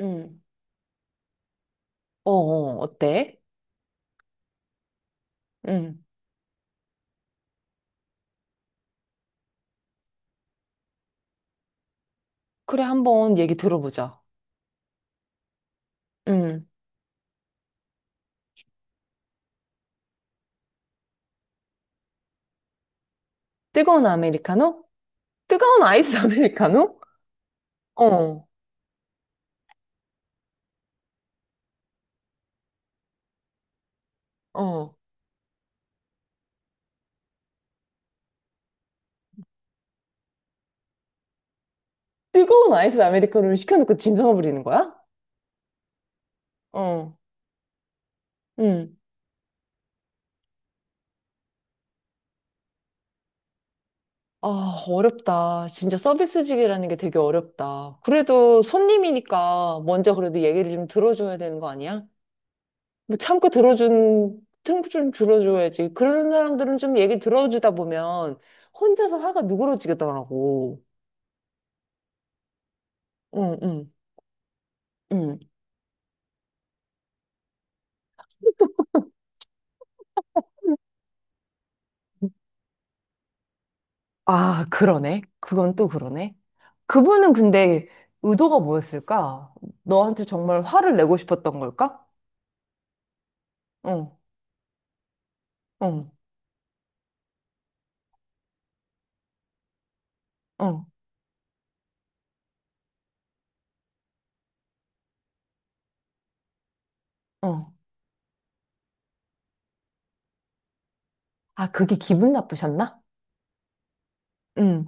응. 어, 어, 어때? 응. 그래, 한번 얘기 들어보자. 응. 뜨거운 아메리카노? 뜨거운 아이스 아메리카노? 어, 어. 뜨거운 아이스 아메리카노를 시켜놓고 진상을 부리는 거야? 어, 응. 아, 어렵다. 진짜 서비스직이라는 게 되게 어렵다. 그래도 손님이니까 먼저 그래도 얘기를 좀 들어줘야 되는 거 아니야? 뭐 참고 좀 들어줘야지. 그런 사람들은 좀 얘기 들어주다 보면 혼자서 화가 누그러지겠더라고. 응, 응, 응. 아, 그러네. 그건 또 그러네. 그분은 근데 의도가 뭐였을까? 너한테 정말 화를 내고 싶었던 걸까? 응, 응, 응, 응. 아, 그게 기분 나쁘셨나? 응.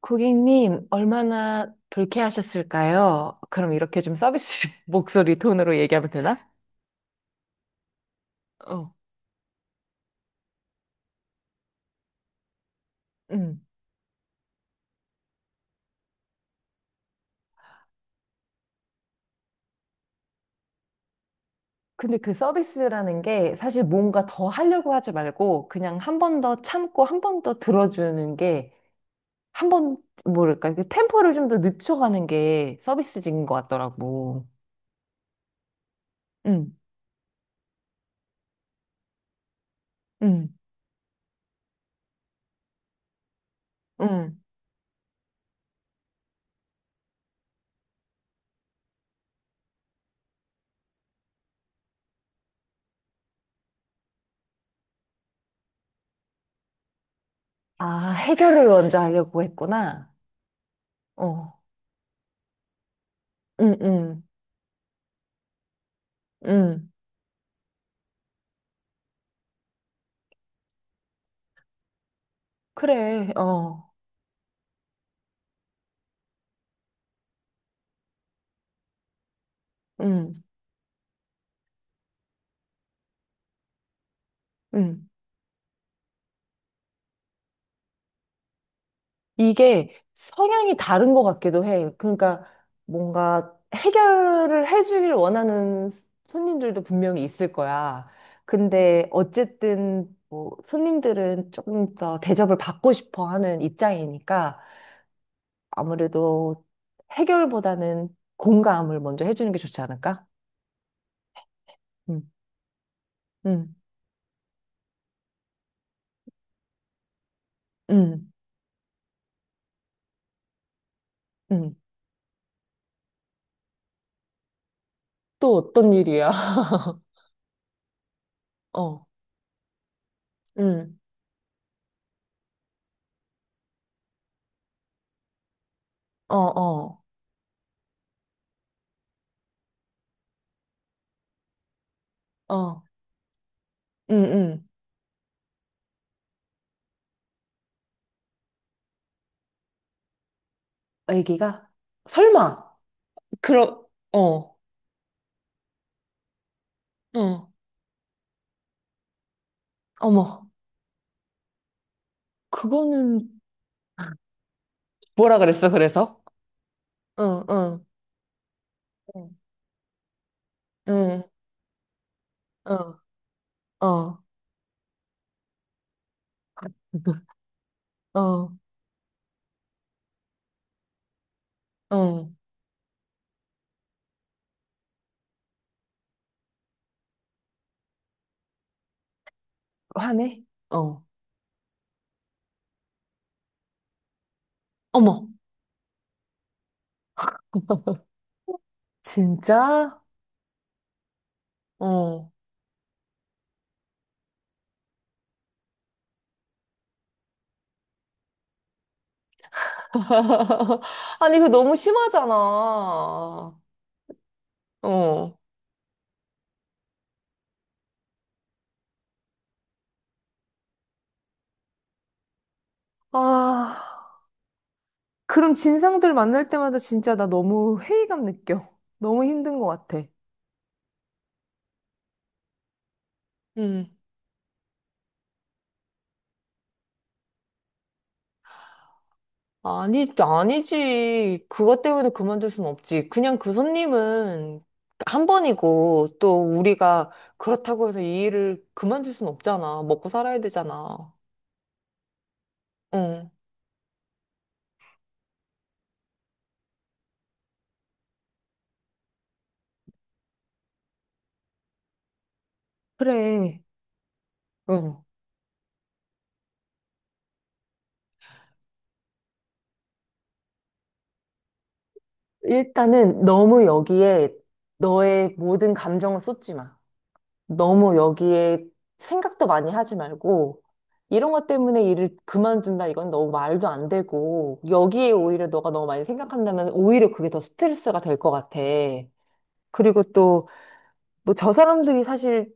고객님, 얼마나 불쾌하셨을까요? 그럼 이렇게 좀 서비스 목소리 톤으로 얘기하면 되나? 어, 음. 근데 그 서비스라는 게 사실 뭔가 더 하려고 하지 말고 그냥 한 번 더 참고 한 번 더 들어주는 게 한 번, 뭐랄까, 그 템포를 좀 더 늦춰가는 게 서비스직인 것 같더라고. 응, 응, 응. 아, 해결을 먼저 하려고 했구나. 어, 응, 응, 응. 그래, 어, 응, 응. 이게 성향이 다른 것 같기도 해. 그러니까 뭔가 해결을 해주길 원하는 손님들도 분명히 있을 거야. 근데 어쨌든 뭐 손님들은 조금 더 대접을 받고 싶어 하는 입장이니까 아무래도 해결보다는 공감을 먼저 해주는 게 좋지 않을까? 음, 음, 음, 음. 또 어떤 일이야? 어, 음, 어, 어, 어, 음, 음. 애기가? 설마? 그럼, 어, 응, 어머. 그거는 뭐라 그랬어, 그래서? 응, 응, 응, 응, 어, 어, 어, 화내? 어, 어머. 진짜? 어. 아니, 그거 너무 심하잖아. 어. 아, 그럼 진상들 만날 때마다 진짜 나 너무 회의감 느껴. 너무 힘든 것 같아. 음. 아니, 아니지. 그것 때문에 그만둘 순 없지. 그냥 그 손님은 한 번이고, 또 우리가 그렇다고 해서 이 일을 그만둘 순 없잖아. 먹고 살아야 되잖아. 응, 그래. 응. 일단은 너무 여기에 너의 모든 감정을 쏟지 마. 너무 여기에 생각도 많이 하지 말고, 이런 것 때문에 일을 그만둔다, 이건 너무 말도 안 되고, 여기에 오히려 너가 너무 많이 생각한다면 오히려 그게 더 스트레스가 될 것 같아. 그리고 또, 뭐 저 사람들이 사실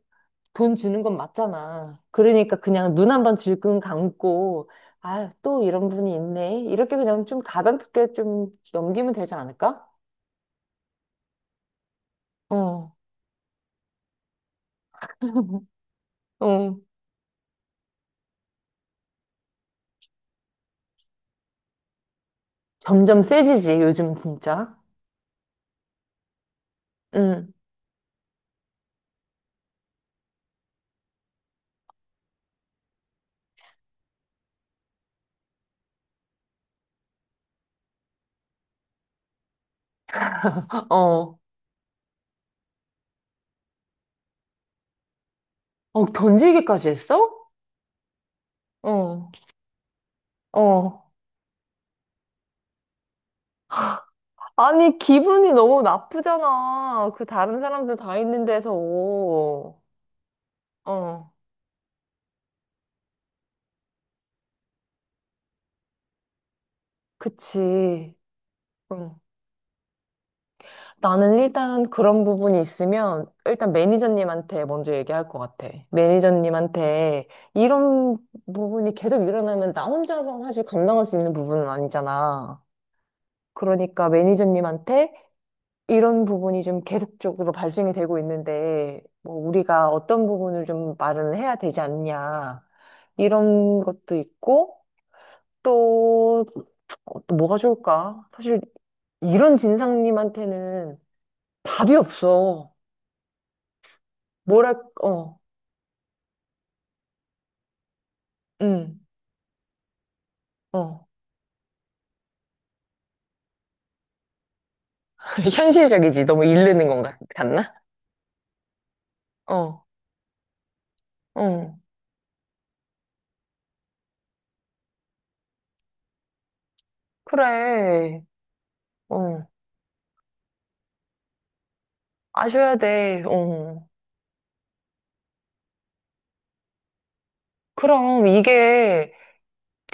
돈 주는 건 맞잖아. 그러니까 그냥 눈 한번 질끈 감고, 아, 또 이런 분이 있네. 이렇게 그냥 좀 가볍게 좀 넘기면 되지 않을까? 어, 어. 점점 세지지, 요즘 진짜. 응, 어. 어, 던지기까지 했어? 어. 어. 아니, 기분이 너무 나쁘잖아. 그 다른 사람들 다 있는 데서. 어, 그치. 응. 나는 일단 그런 부분이 있으면 일단 매니저님한테 먼저 얘기할 것 같아. 매니저님한테 이런 부분이 계속 일어나면 나 혼자서 사실 감당할 수 있는 부분은 아니잖아. 그러니까 매니저님한테 이런 부분이 좀 계속적으로 발생이 되고 있는데, 뭐, 우리가 어떤 부분을 좀 말을 해야 되지 않냐, 이런 것도 있고, 또, 어, 또 뭐가 좋을까? 사실, 이런 진상님한테는 답이 없어. 뭐랄, 어, 응, 어. 현실적이지. 너무 이르는 건 같나? 어, 응. 그래, 어. 아셔야 돼, 어. 그럼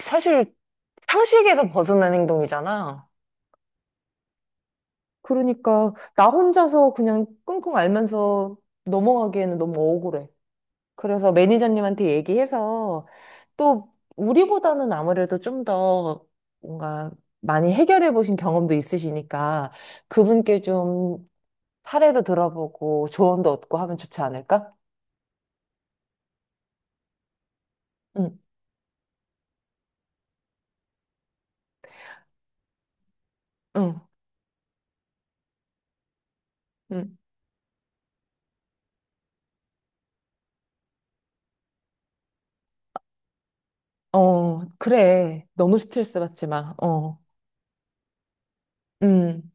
사실 상식에서 벗어난 행동이잖아. 그러니까 나 혼자서 그냥 끙끙 앓면서 넘어가기에는 너무 억울해. 그래서 매니저님한테 얘기해서 또 우리보다는 아무래도 좀 더 뭔가 많이 해결해 보신 경험도 있으시니까 그분께 좀 사례도 들어보고 조언도 얻고 하면 좋지 않을까? 응, 응, 응. 어, 그래. 너무 스트레스 받지 마. 어, 응.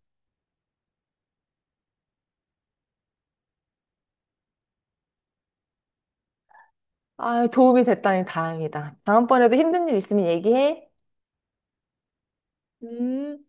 아, 도움이 됐다니 다행이다. 다음번에도 힘든 일 있으면 얘기해. 음.